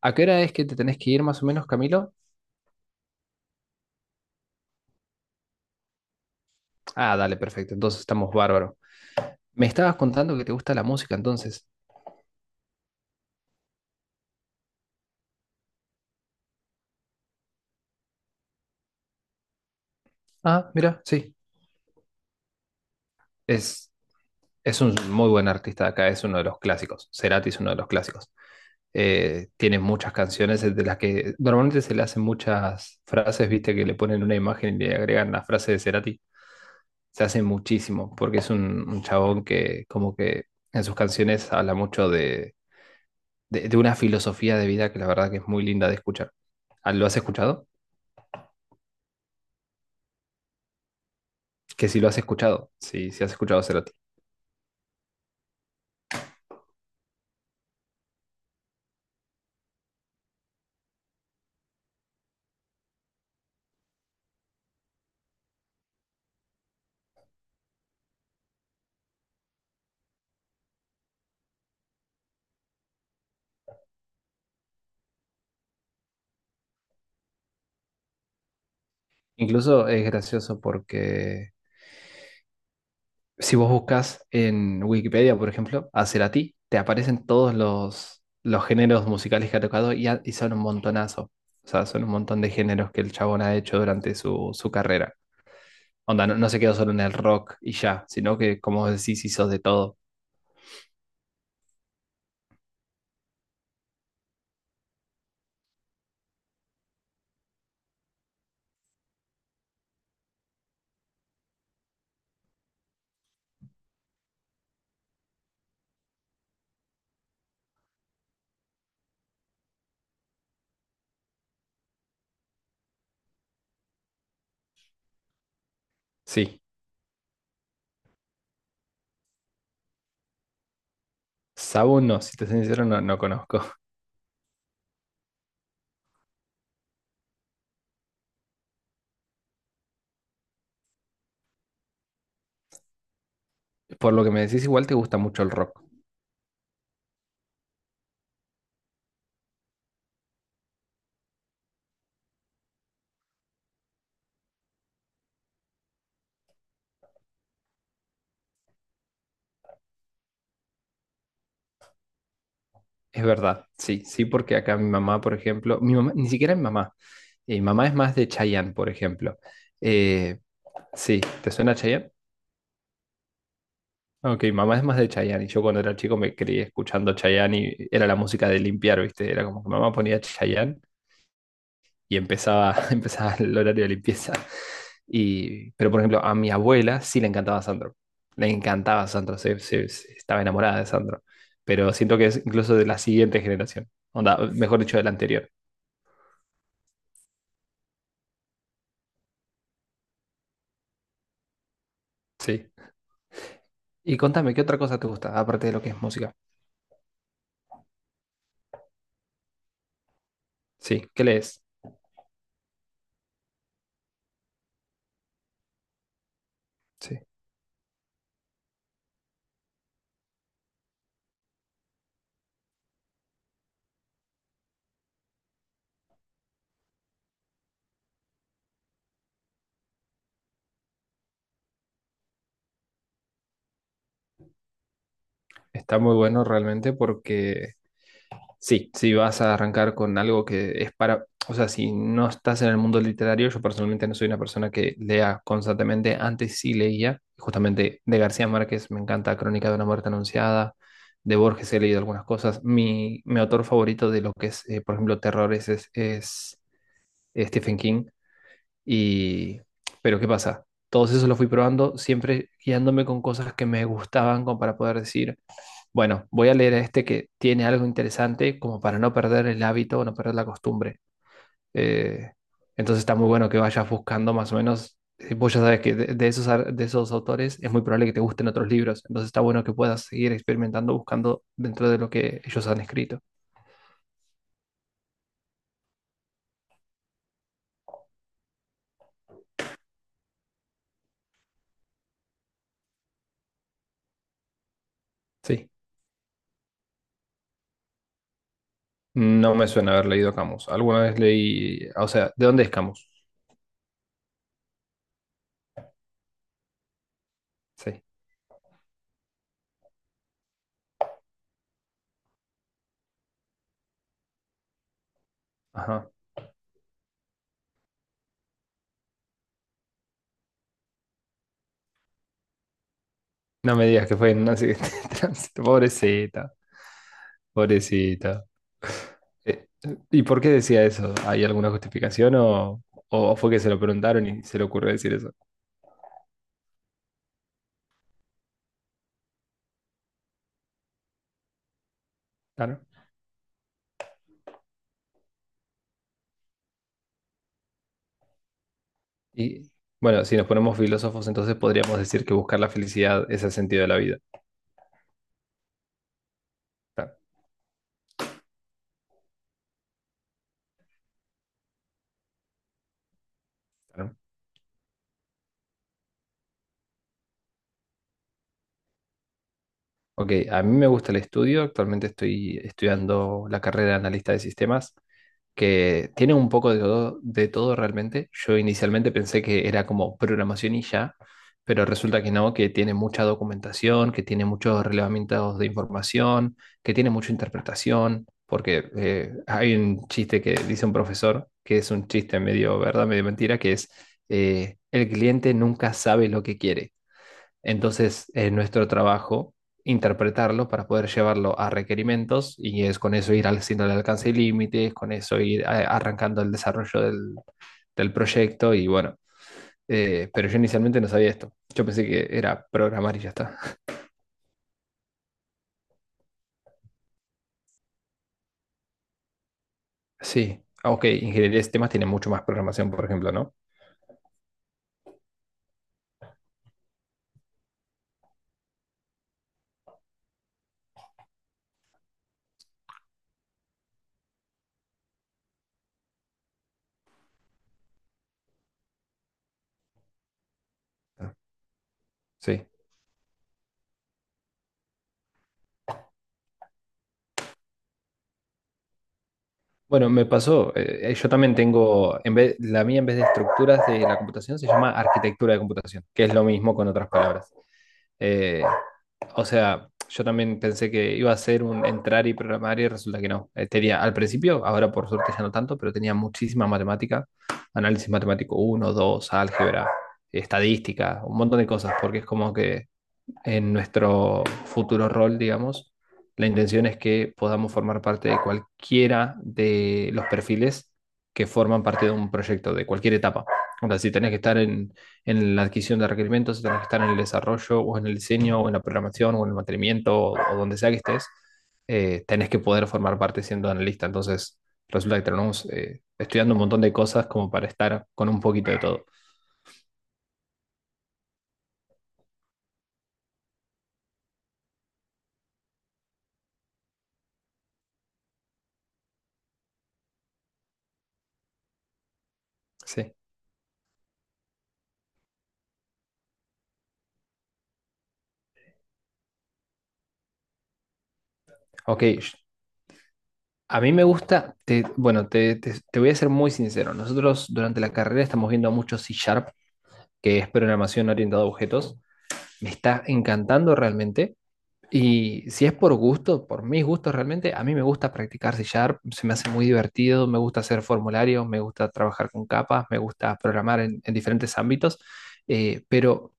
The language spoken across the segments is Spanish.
¿A qué hora es que te tenés que ir más o menos, Camilo? Ah, dale, perfecto. Entonces estamos bárbaro. Me estabas contando que te gusta la música, entonces. Ah, mira, sí. Es, es un muy buen artista de acá, es uno de los clásicos. Cerati es uno de los clásicos. Tiene muchas canciones de las que normalmente se le hacen muchas frases, viste, que le ponen una imagen y le agregan la frase de Cerati. Se hace muchísimo, porque es un chabón que como que en sus canciones habla mucho de de una filosofía de vida que la verdad que es muy linda de escuchar. Ah, ¿lo has escuchado? Que si lo has escuchado, si has escuchado Cerati. Incluso es gracioso porque si vos buscas en Wikipedia, por ejemplo, a Cerati, te aparecen todos los géneros musicales que ha tocado y son un montonazo. O sea, son un montón de géneros que el chabón ha hecho durante su carrera. Onda, no, no se quedó solo en el rock y ya, sino que, como vos decís, hizo de todo. Sí, Sabu no, si te soy sincero, no, no conozco. Por lo que me decís, igual te gusta mucho el rock. Es verdad, sí, sí, porque acá mi mamá, por ejemplo, mi mamá, ni siquiera mi mamá es más de Chayanne, por ejemplo. Eh, sí, ¿te suena Chayanne? Ok, mi mamá es más de Chayanne y yo cuando era chico me creí escuchando Chayanne y era la música de limpiar, ¿viste? Era como que mamá ponía Chayanne y empezaba, empezaba el horario de limpieza. Y, pero, por ejemplo, a mi abuela sí le encantaba Sandro. Le encantaba Sandro, estaba enamorada de Sandro. Pero siento que es incluso de la siguiente generación. Onda, mejor dicho, de la anterior. Sí. Y contame, ¿qué otra cosa te gusta, aparte de lo que es música? Sí, ¿qué lees? Sí. Está muy bueno realmente porque sí, si vas a arrancar con algo que es para, o sea, si no estás en el mundo literario, yo personalmente no soy una persona que lea constantemente, antes sí leía, justamente de García Márquez me encanta Crónica de una muerte anunciada, de Borges he leído algunas cosas, mi autor favorito de lo que es, por ejemplo, terrores es Stephen King, y, pero ¿qué pasa? Todos esos los fui probando, siempre guiándome con cosas que me gustaban como para poder decir bueno, voy a leer este que tiene algo interesante como para no perder el hábito o no perder la costumbre. Eh, entonces está muy bueno que vayas buscando más o menos. Vos ya sabes que de, de esos autores es muy probable que te gusten otros libros. Entonces está bueno que puedas seguir experimentando buscando dentro de lo que ellos han escrito. Sí. No me suena haber leído Camus. Alguna vez leí, o sea, ¿de dónde es Camus? Sí. Ajá. No me digas que fue en un accidente de tránsito. Pobrecita, pobrecita. Eh, ¿Y por qué decía eso? ¿Hay alguna justificación o fue que se lo preguntaron y se le ocurrió decir eso? Claro. Y bueno, si nos ponemos filósofos, entonces podríamos decir que buscar la felicidad es el sentido de la vida. Claro, claro. Ok, a mí me gusta el estudio, actualmente estoy estudiando la carrera de analista de sistemas que tiene un poco de todo realmente. Yo inicialmente pensé que era como programación y ya, pero resulta que no, que tiene mucha documentación, que tiene muchos relevamientos de información, que tiene mucha interpretación, porque hay un chiste que dice un profesor, que es un chiste medio verdad, medio mentira, que es el cliente nunca sabe lo que quiere. Entonces, nuestro trabajo, interpretarlo para poder llevarlo a requerimientos y es con eso ir haciendo el alcance y límites, con eso ir arrancando el desarrollo del proyecto y bueno, pero yo inicialmente no sabía esto. Yo pensé que era programar y ya está. Sí, ah, ok, ingeniería de sistemas tiene mucho más programación, por ejemplo, ¿no? Ah, sí. Bueno, me pasó, yo también tengo, en vez, la mía en vez de estructuras de la computación se llama arquitectura de computación, que es lo mismo con otras palabras. Eh, O sea, yo también pensé que iba a ser un entrar y programar y resulta que no. Tenía al principio, ahora por suerte ya no tanto, pero tenía muchísima matemática, análisis matemático uno, 2, álgebra, estadística, un montón de cosas, porque es como que en nuestro futuro rol, digamos. La intención es que podamos formar parte de cualquiera de los perfiles que forman parte de un proyecto, de cualquier etapa. O sea, si tenés que estar en la adquisición de requerimientos, si tenés que estar en el desarrollo, o en el diseño, o en la programación, o en el mantenimiento, o donde sea que estés, tenés que poder formar parte siendo analista. Entonces, resulta que tenemos estudiando un montón de cosas como para estar con un poquito de todo. Sí. Ok, a mí me gusta, bueno, te voy a ser muy sincero. Nosotros durante la carrera estamos viendo mucho C Sharp, que es programación orientada a objetos. Me está encantando realmente. Y si es por gusto, por mis gustos realmente, a mí me gusta practicar C Sharp, se me hace muy divertido, me gusta hacer formularios, me gusta trabajar con capas, me gusta programar en diferentes ámbitos. Pero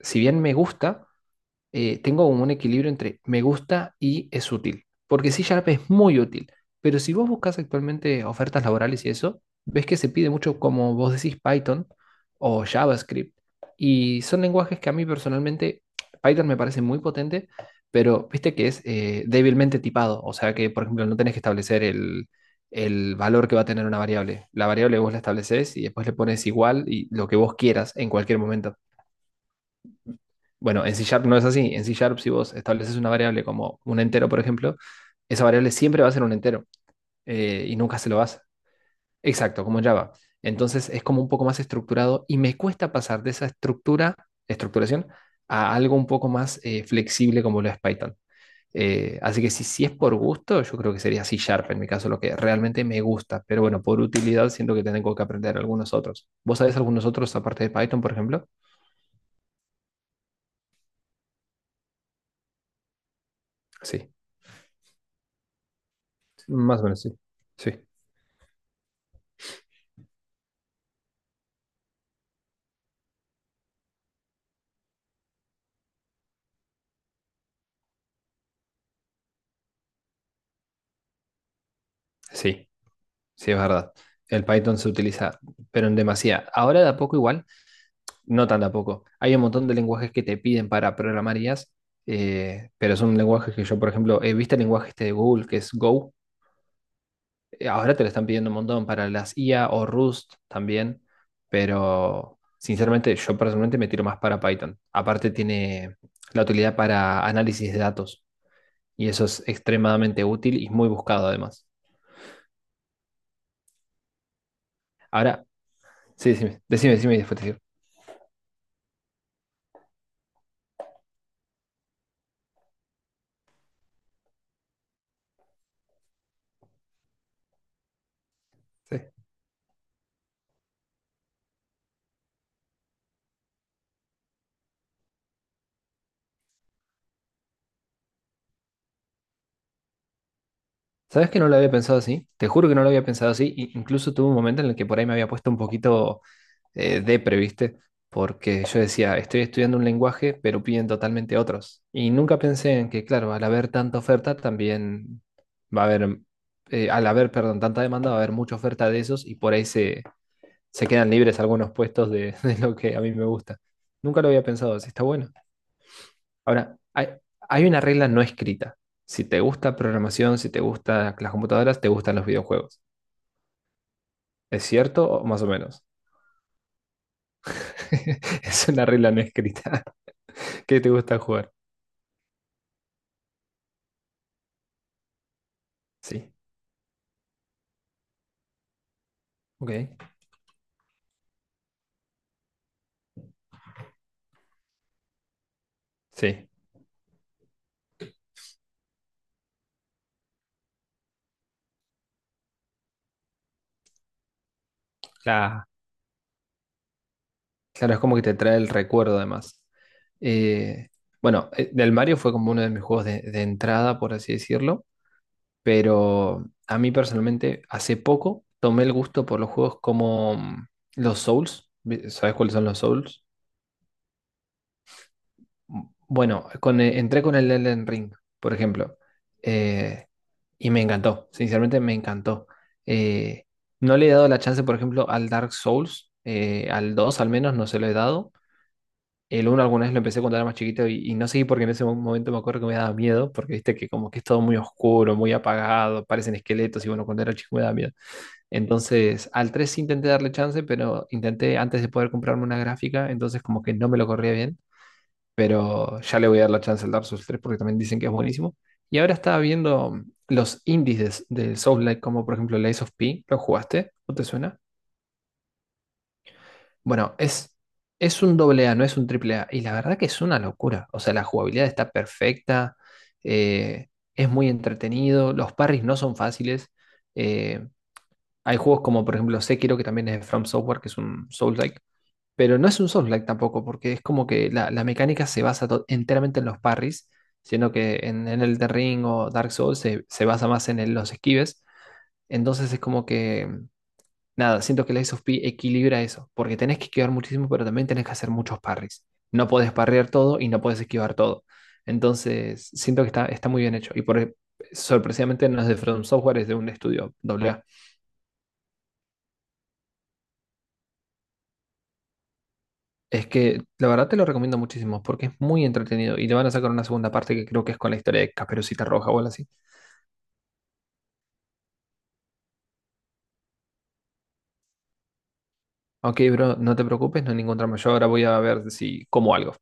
si bien me gusta, tengo como un equilibrio entre me gusta y es útil. Porque C Sharp es muy útil, pero si vos buscas actualmente ofertas laborales y eso, ves que se pide mucho, como vos decís, Python o JavaScript. Y son lenguajes que a mí personalmente, Python me parece muy potente, pero viste que es débilmente tipado. O sea que, por ejemplo, no tenés que establecer el valor que va a tener una variable. La variable vos la estableces y después le pones igual y lo que vos quieras en cualquier momento. Bueno, en C Sharp no es así. En C Sharp, si vos estableces una variable como un entero, por ejemplo, esa variable siempre va a ser un entero y nunca se lo vas. Exacto, como en Java. Entonces es como un poco más estructurado y me cuesta pasar de esa estructura, estructuración, a algo un poco más flexible como lo es Python. Así que si es por gusto, yo creo que sería C Sharp en mi caso, lo que realmente me gusta. Pero bueno, por utilidad siento que tengo que aprender algunos otros. ¿Vos sabés algunos otros aparte de Python, por ejemplo? Sí, más o menos sí. Sí, sí. Sí, es verdad. El Python se utiliza, pero en demasía. Ahora de a poco igual, no tan de a poco. Hay un montón de lenguajes que te piden para programar IAs, pero son lenguajes que yo, por ejemplo, he visto el lenguaje este de Google, que es Go. Ahora te lo están pidiendo un montón para las IA o Rust también, pero sinceramente yo personalmente me tiro más para Python. Aparte tiene la utilidad para análisis de datos y eso es extremadamente útil y muy buscado además. Ahora, sí, decime, decime, decime y después te digo. Sí. ¿Sabes que no lo había pensado así? Te juro que no lo había pensado así. Incluso tuve un momento en el que por ahí me había puesto un poquito depre, ¿viste? Porque yo decía, estoy estudiando un lenguaje, pero piden totalmente otros. Y nunca pensé en que, claro, al haber tanta oferta, también va a haber, al haber, perdón, tanta demanda, va a haber mucha oferta de esos y por ahí se, se quedan libres algunos puestos de, de lo que a mí me gusta. Nunca lo había pensado así, está bueno. Ahora, hay una regla no escrita. Si te gusta programación, si te gustan las computadoras, te gustan los videojuegos. ¿Es cierto o más o menos? Es una regla no escrita. ¿Qué te gusta jugar? Sí. Ok. Sí. La- Claro, es como que te trae el recuerdo además. Eh, bueno, del Mario fue como uno de mis juegos de entrada, por así decirlo, pero a mí personalmente hace poco tomé el gusto por los juegos como los Souls. ¿Sabes cuáles son los Souls? Bueno, entré con el Elden Ring, por ejemplo, eh, y me encantó, sinceramente me encantó. Eh, no le he dado la chance, por ejemplo, al Dark Souls, al 2, al menos, no se lo he dado. El uno, alguna vez lo empecé cuando era más chiquito y no seguí porque en ese momento me acuerdo que me daba miedo, porque viste que como que es todo muy oscuro, muy apagado, parecen esqueletos y bueno, cuando era chico me daba miedo. Entonces, al 3 intenté darle chance, pero intenté antes de poder comprarme una gráfica, entonces como que no me lo corría bien pero ya le voy a dar la chance al Dark Souls 3 porque también dicen que es buenísimo. Y ahora estaba viendo los índices del Souls-like, como por ejemplo el Ace of P, ¿lo jugaste? ¿No te suena? Bueno, es un doble A, no es un triple A. Y la verdad que es una locura. O sea, la jugabilidad está perfecta, eh, es muy entretenido, los parries no son fáciles. eh, Hay juegos como por ejemplo Sekiro, que también es de From Software, que es un Souls-like, pero no es un Souls-like tampoco, porque es como que la mecánica se basa enteramente en los parries, siendo que en Elden Ring o Dark Souls se basa más en los esquives. Entonces es como que, nada, siento que el Ace of P equilibra eso, porque tenés que esquivar muchísimo, pero también tenés que hacer muchos parries. No podés parrear todo y no podés esquivar todo. Entonces siento que está, está muy bien hecho. Y por, sorpresivamente no es de From Software, es de un estudio AA. Es que la verdad te lo recomiendo muchísimo porque es muy entretenido y le van a sacar una segunda parte que creo que es con la historia de Caperucita Roja o algo así. Ok, bro, no te preocupes, no hay ningún drama. Yo ahora voy a ver si como algo.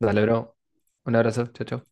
Dale, bro. Un abrazo, chao, chao.